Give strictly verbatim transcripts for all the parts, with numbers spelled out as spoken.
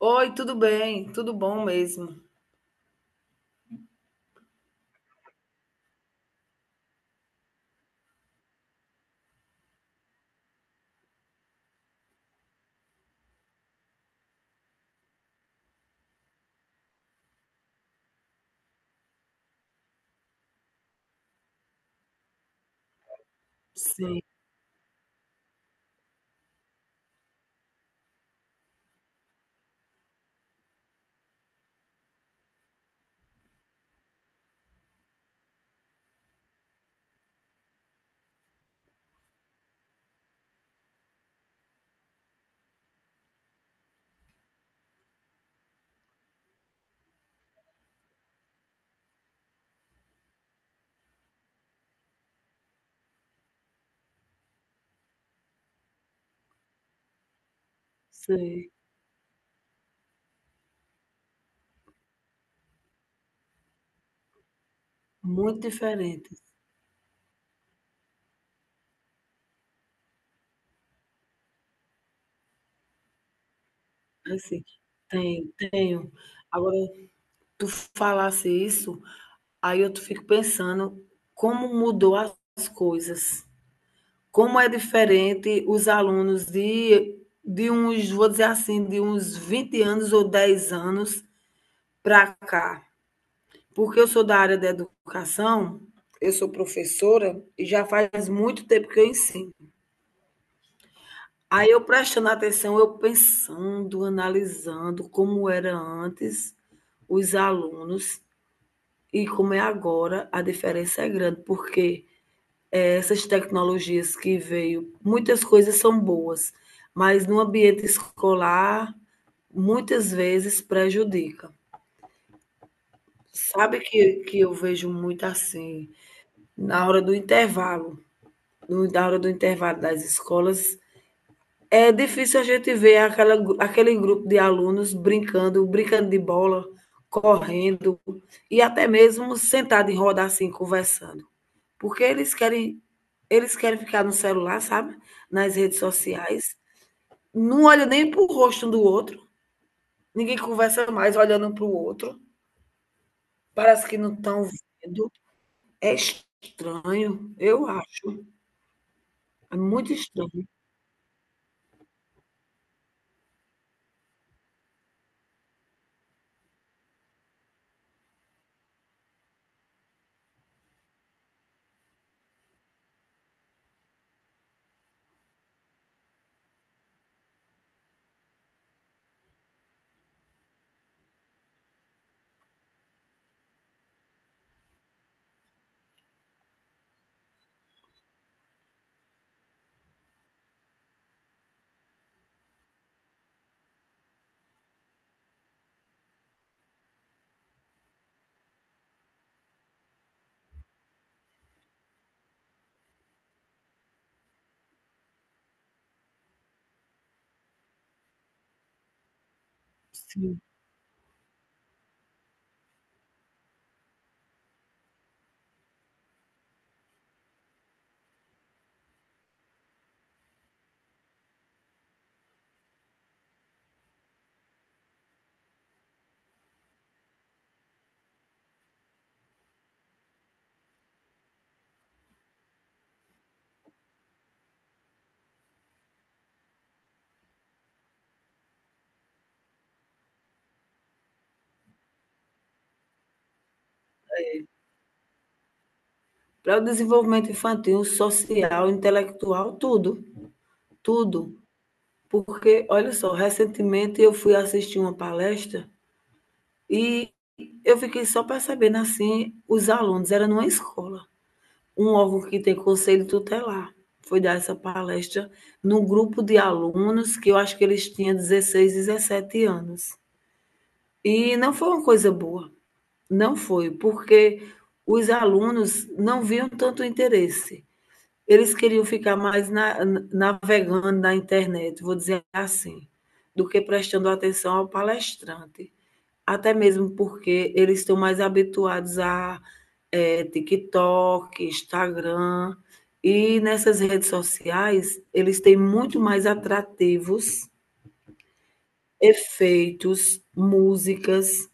Oi, tudo bem? Tudo bom mesmo. Sim, sim. Muito diferente, assim. Tenho, tenho. Agora, tu falasse isso, aí eu tu fico pensando como mudou as coisas. Como é diferente os alunos de de uns, vou dizer assim, de uns vinte anos ou dez anos para cá. Porque eu sou da área da educação, eu sou professora e já faz muito tempo que eu ensino. Aí eu prestando atenção, eu pensando, analisando como era antes os alunos e como é agora, a diferença é grande, porque essas tecnologias que veio, muitas coisas são boas, mas no ambiente escolar, muitas vezes prejudica. Sabe que, que eu vejo muito assim, na hora do intervalo, no- na hora do intervalo das escolas, é difícil a gente ver aquela, aquele grupo de alunos brincando, brincando de bola, correndo e até mesmo sentado em roda assim, conversando. Porque eles querem, eles querem ficar no celular, sabe? Nas redes sociais. Não olha nem para o rosto um do outro. Ninguém conversa mais olhando para o outro. Parece que não estão vendo. É estranho, eu acho. É muito estranho, sim. Para o desenvolvimento infantil, social, intelectual, tudo. Tudo, porque olha só, recentemente eu fui assistir uma palestra e eu fiquei só percebendo, assim, os alunos, era numa escola, um órgão que tem conselho tutelar, foi dar essa palestra num grupo de alunos que eu acho que eles tinham dezesseis, dezessete anos. E não foi uma coisa boa, não foi, porque os alunos não viam tanto interesse. Eles queriam ficar mais na- navegando na internet, vou dizer assim, do que prestando atenção ao palestrante. Até mesmo porque eles estão mais habituados a eh, TikTok, Instagram, e nessas redes sociais eles têm muito mais atrativos, efeitos, músicas.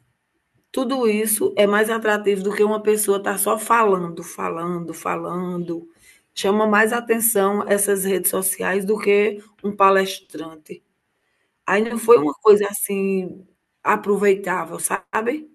Tudo isso é mais atrativo do que uma pessoa estar só falando, falando, falando. Chama mais atenção essas redes sociais do que um palestrante. Aí não foi uma coisa assim aproveitável, sabe?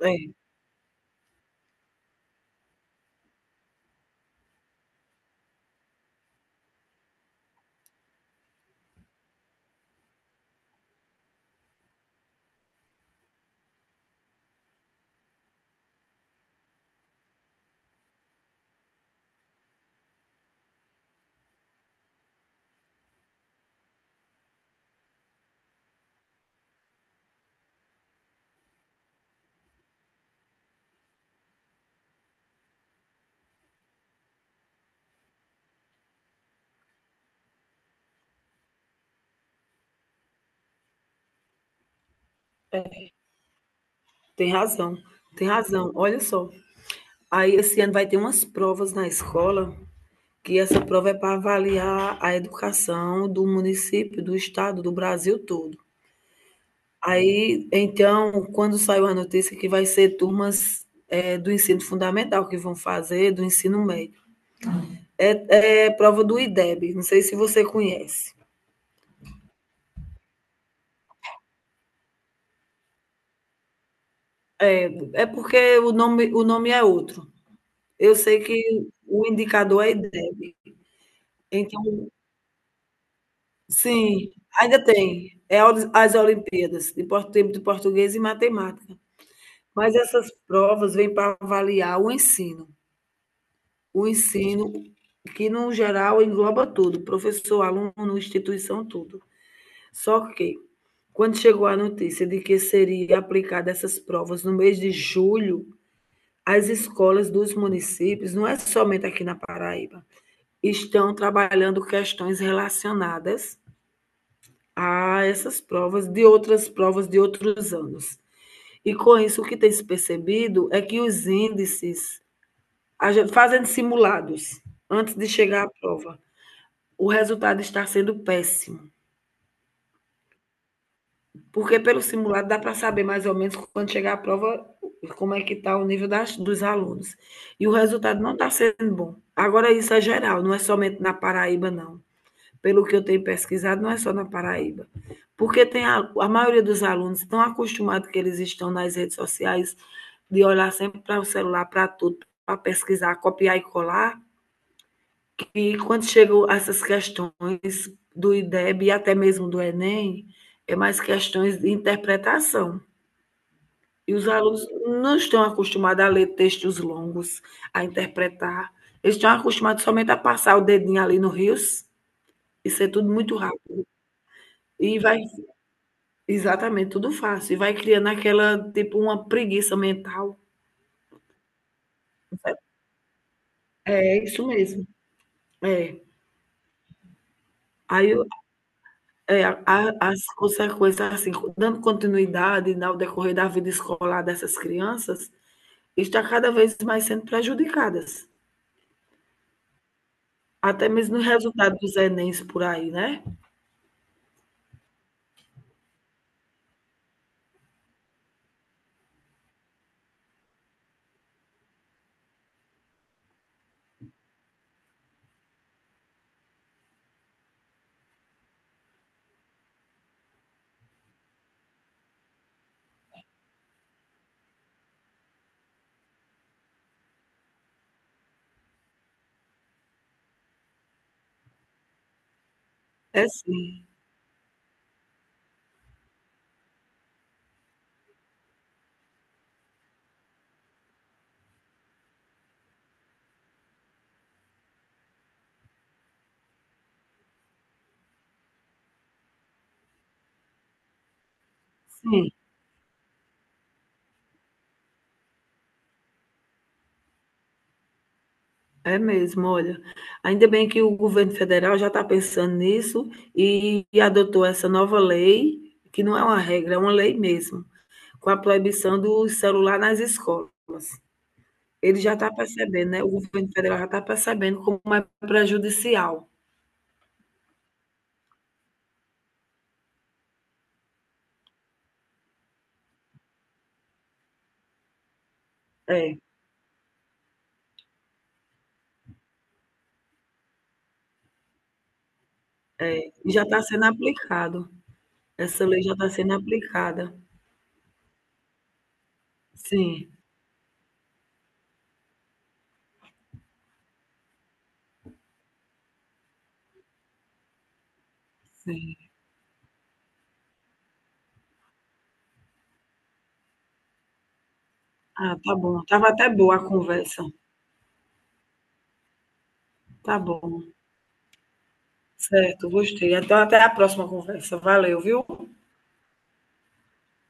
É, tem razão, tem razão. Olha só. Aí esse ano vai ter umas provas na escola, que essa prova é para avaliar a educação do município, do estado, do Brasil todo. Aí, então, quando saiu a notícia que vai ser turmas eh, do ensino fundamental que vão fazer, do ensino médio. É, é prova do IDEB, não sei se você conhece. É porque o nome, o nome é outro. Eu sei que o indicador é IDEB. Então, sim, ainda tem. É as Olimpíadas de por- de português e matemática. Mas essas provas vêm para avaliar o ensino. O ensino, que no geral engloba tudo, professor, aluno, instituição, tudo. Só que, quando chegou a notícia de que seria aplicada essas provas no mês de julho, as escolas dos municípios, não é somente aqui na Paraíba, estão trabalhando questões relacionadas a essas provas, de outras provas de outros anos. E com isso, o que tem se percebido é que os índices, fazendo simulados, antes de chegar à prova, o resultado está sendo péssimo. Porque pelo simulado dá para saber mais ou menos quando chegar a prova como é que está o nível das, dos alunos. E o resultado não está sendo bom. Agora isso é geral, não é somente na Paraíba, não. Pelo que eu tenho pesquisado, não é só na Paraíba. Porque tem a, a maioria dos alunos estão acostumados que eles estão nas redes sociais de olhar sempre para o celular, para tudo, para pesquisar, copiar e colar. E quando chegam essas questões do IDEB e até mesmo do Enem, é mais questões de interpretação. E os alunos não estão acostumados a ler textos longos, a interpretar. Eles estão acostumados somente a passar o dedinho ali no rios e ser tudo muito rápido. E vai, exatamente, tudo fácil. E vai criando aquela, tipo, uma preguiça mental. É é isso mesmo. É. Aí eu, é, a- a- as consequências, assim, dando continuidade ao decorrer da vida escolar dessas crianças, está cada vez mais sendo prejudicadas. Até mesmo no resultado dos Enems por aí, né? É sim, sim, é mesmo, olha. Ainda bem que o governo federal já está pensando nisso e, e adotou essa nova lei, que não é uma regra, é uma lei mesmo, com a proibição do celular nas escolas. Ele já está percebendo, né, o governo federal já está percebendo como é prejudicial. É, e já está sendo aplicado. Essa lei já está sendo aplicada. Sim, sim. Ah, tá bom. Estava até boa a conversa. Tá bom. Certo, gostei. Então, até a próxima conversa. Valeu, viu?